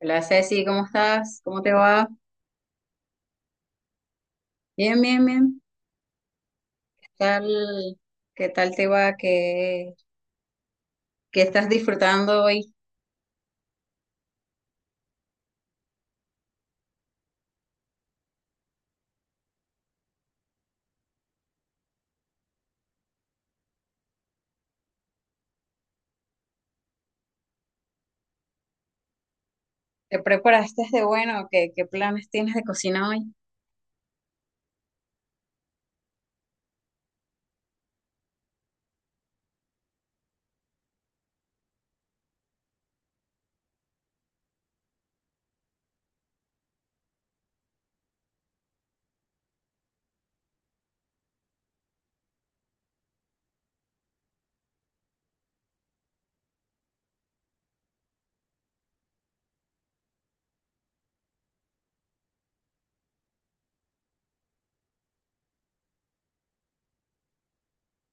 Hola Ceci, ¿cómo estás? ¿Cómo te va? Bien, bien, bien. ¿Qué tal, qué tal te va? ¿Qué estás disfrutando hoy? ¿Te preparaste de bueno? ¿Qué planes tienes de cocina hoy?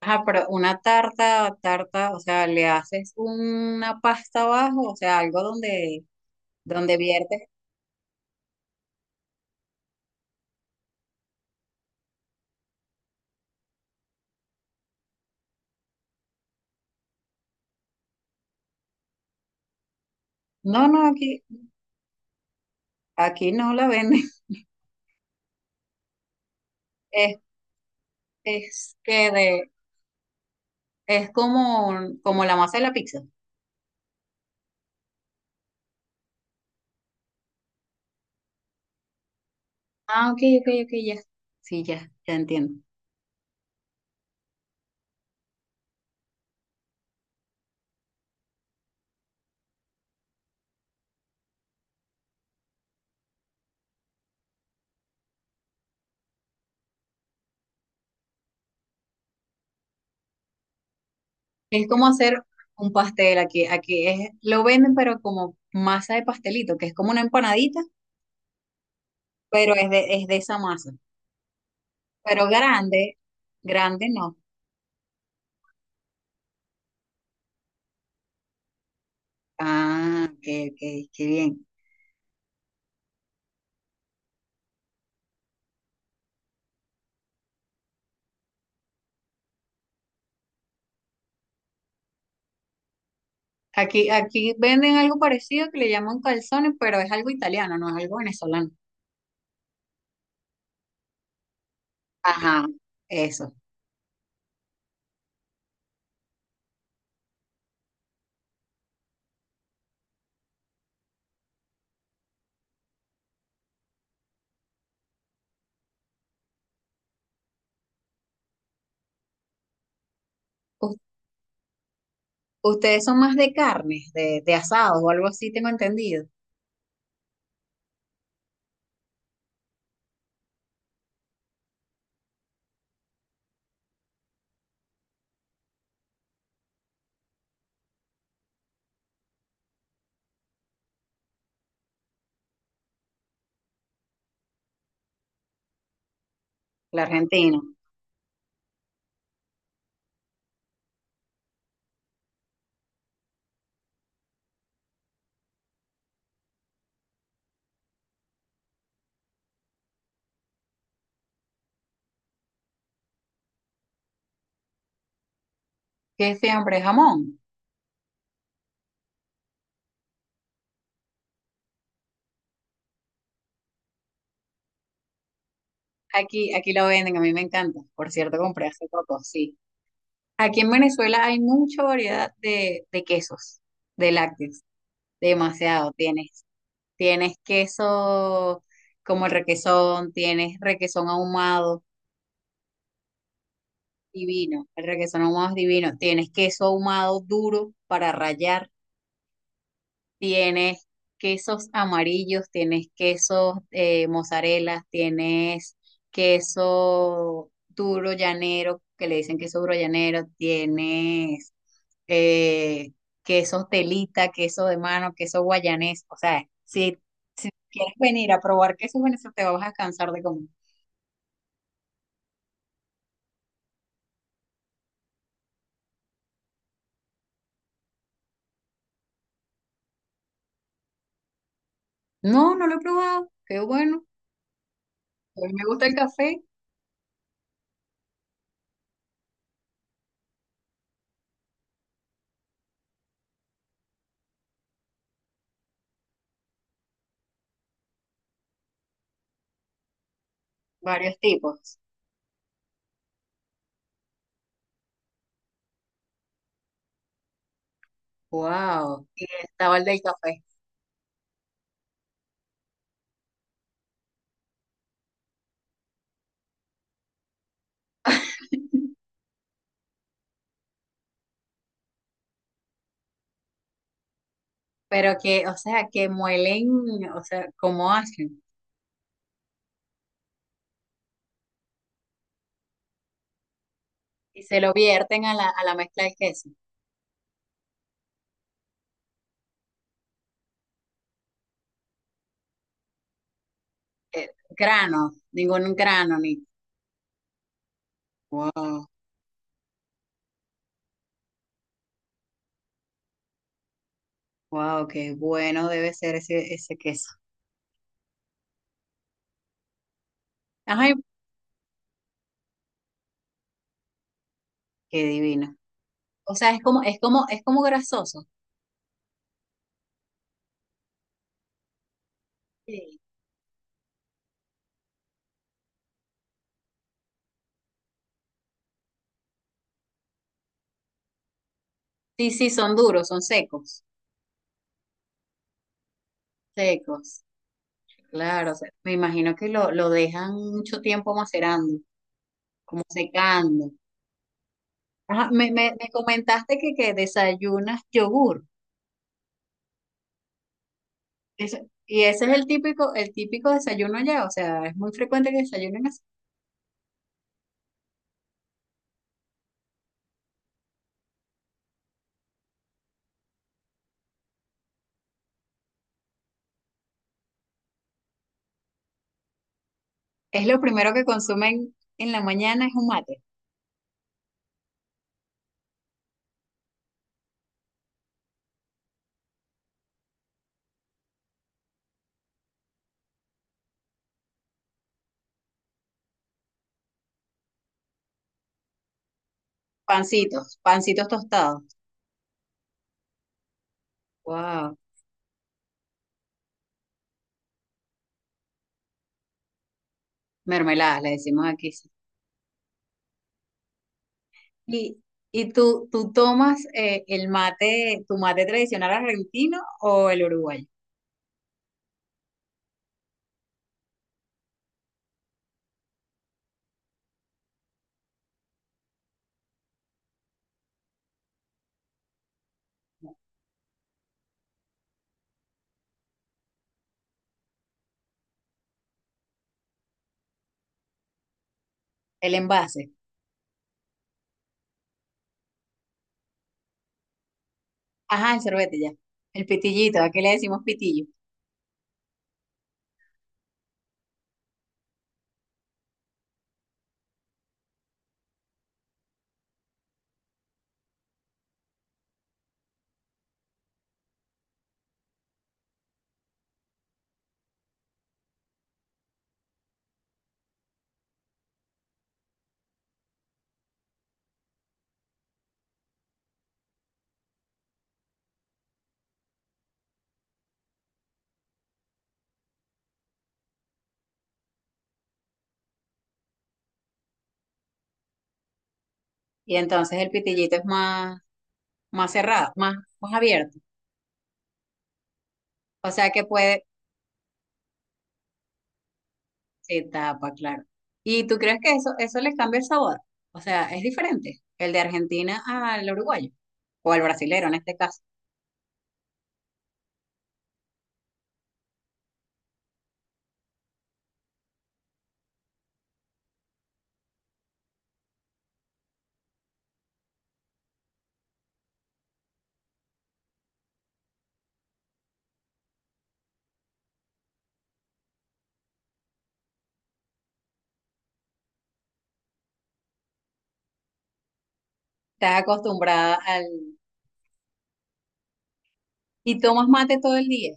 Ajá, pero una tarta, tarta, o sea, le haces una pasta abajo, o sea, algo donde viertes. No, no, aquí no la venden. Es, es que de, es como la masa de la pizza. Ah, ok, ok, ok, ya. Sí, ya, ya entiendo. Es como hacer un pastel aquí. Aquí es, lo venden, pero como masa de pastelito, que es como una empanadita, pero es de esa masa. Pero grande, grande no. Ah, ok, ok, qué bien. Aquí, aquí venden algo parecido que le llaman calzones, pero es algo italiano, no es algo venezolano. Ajá, eso. U- Ustedes son más de carnes, de asados o algo así, tengo entendido. La Argentina. Que es siempre jamón. Aquí, aquí lo venden, a mí me encanta. Por cierto, compré hace poco, sí. Aquí en Venezuela hay mucha variedad de quesos, de lácteos, demasiado tienes. Tienes queso como el requesón, tienes requesón ahumado divino, el requesón ahumado es divino, tienes queso ahumado duro para rallar, tienes quesos amarillos, tienes quesos mozzarella, tienes queso duro llanero, que le dicen queso duro llanero, tienes eh, quesos telita, queso de mano, queso guayanés. O sea, si quieres venir a probar quesos venezolanos, te vas a cansar de comer. No, no lo he probado. Qué bueno. A mí me gusta el café, varios tipos. Wow. Y estaba el del café. Pero que, o sea, que muelen, o sea, ¿cómo hacen? Y se lo vierten a a la mezcla de queso. Eh, grano, ningún grano, ni. Wow, wow, qué bueno debe ser ese, ese queso. Ay, qué divino. O sea, es es como grasoso. Sí. Sí, sí, son duros, son secos, secos. Claro, o sea, me imagino que lo dejan mucho tiempo macerando, secando. Ajá, me comentaste que desayunas yogur. Eso- y ese es el típico desayuno allá. O sea, es muy frecuente que desayunen así. Es lo primero que consumen en la mañana, es un mate. Pancitos, pancitos tostados. Wow. Mermeladas, le decimos aquí. ¿Y, y tú, tú tomas el mate, tu mate tradicional argentino o el uruguayo? El envase. Ajá, el sorbete ya. El pitillito, aquí le decimos pitillo. Y entonces el pitillito es más cerrado, más abierto. O sea que puede, se tapa, claro. ¿Y tú crees que eso le cambia el sabor? O sea, es diferente el de Argentina al uruguayo, o al brasilero en este caso. Estás acostumbrada al... ¿Y tomas mate todo el día?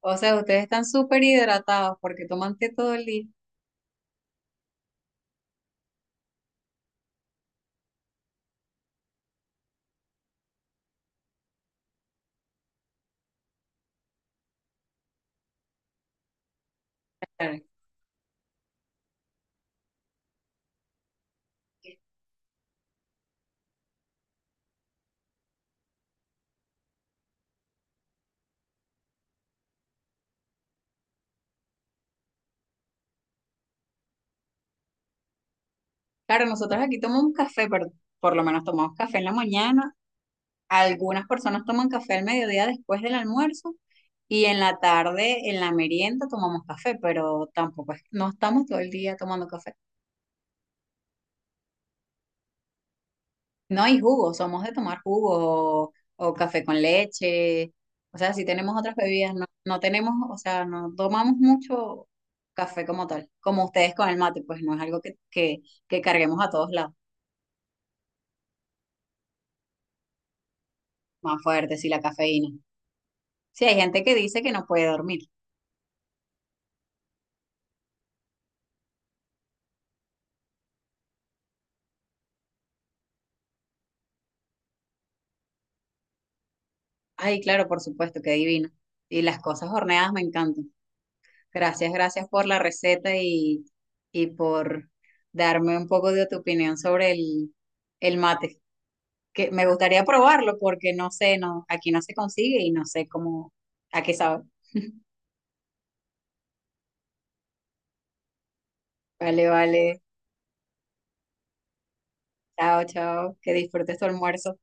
O sea, ustedes están súper hidratados porque toman té todo el día. Claro, nosotros aquí tomamos café, pero por lo menos tomamos café en la mañana. Algunas personas toman café al mediodía después del almuerzo y en la tarde, en la merienda, tomamos café, pero tampoco es, no estamos todo el día tomando café. No hay jugo, somos de tomar jugo o café con leche. O sea, si tenemos otras bebidas, no, no tenemos, o sea, no tomamos mucho café como tal, como ustedes con el mate, pues no es algo que carguemos a todos lados, más fuerte, sí la cafeína. Sí, hay gente que dice que no puede dormir. Ay, claro, por supuesto, qué divino. Y las cosas horneadas me encantan. Gracias por la receta y por darme un poco de tu opinión sobre el mate. Que me gustaría probarlo porque no sé, no, aquí no se consigue y no sé cómo, a qué sabe. Vale, vale. Chao, chao. Que disfrutes tu almuerzo.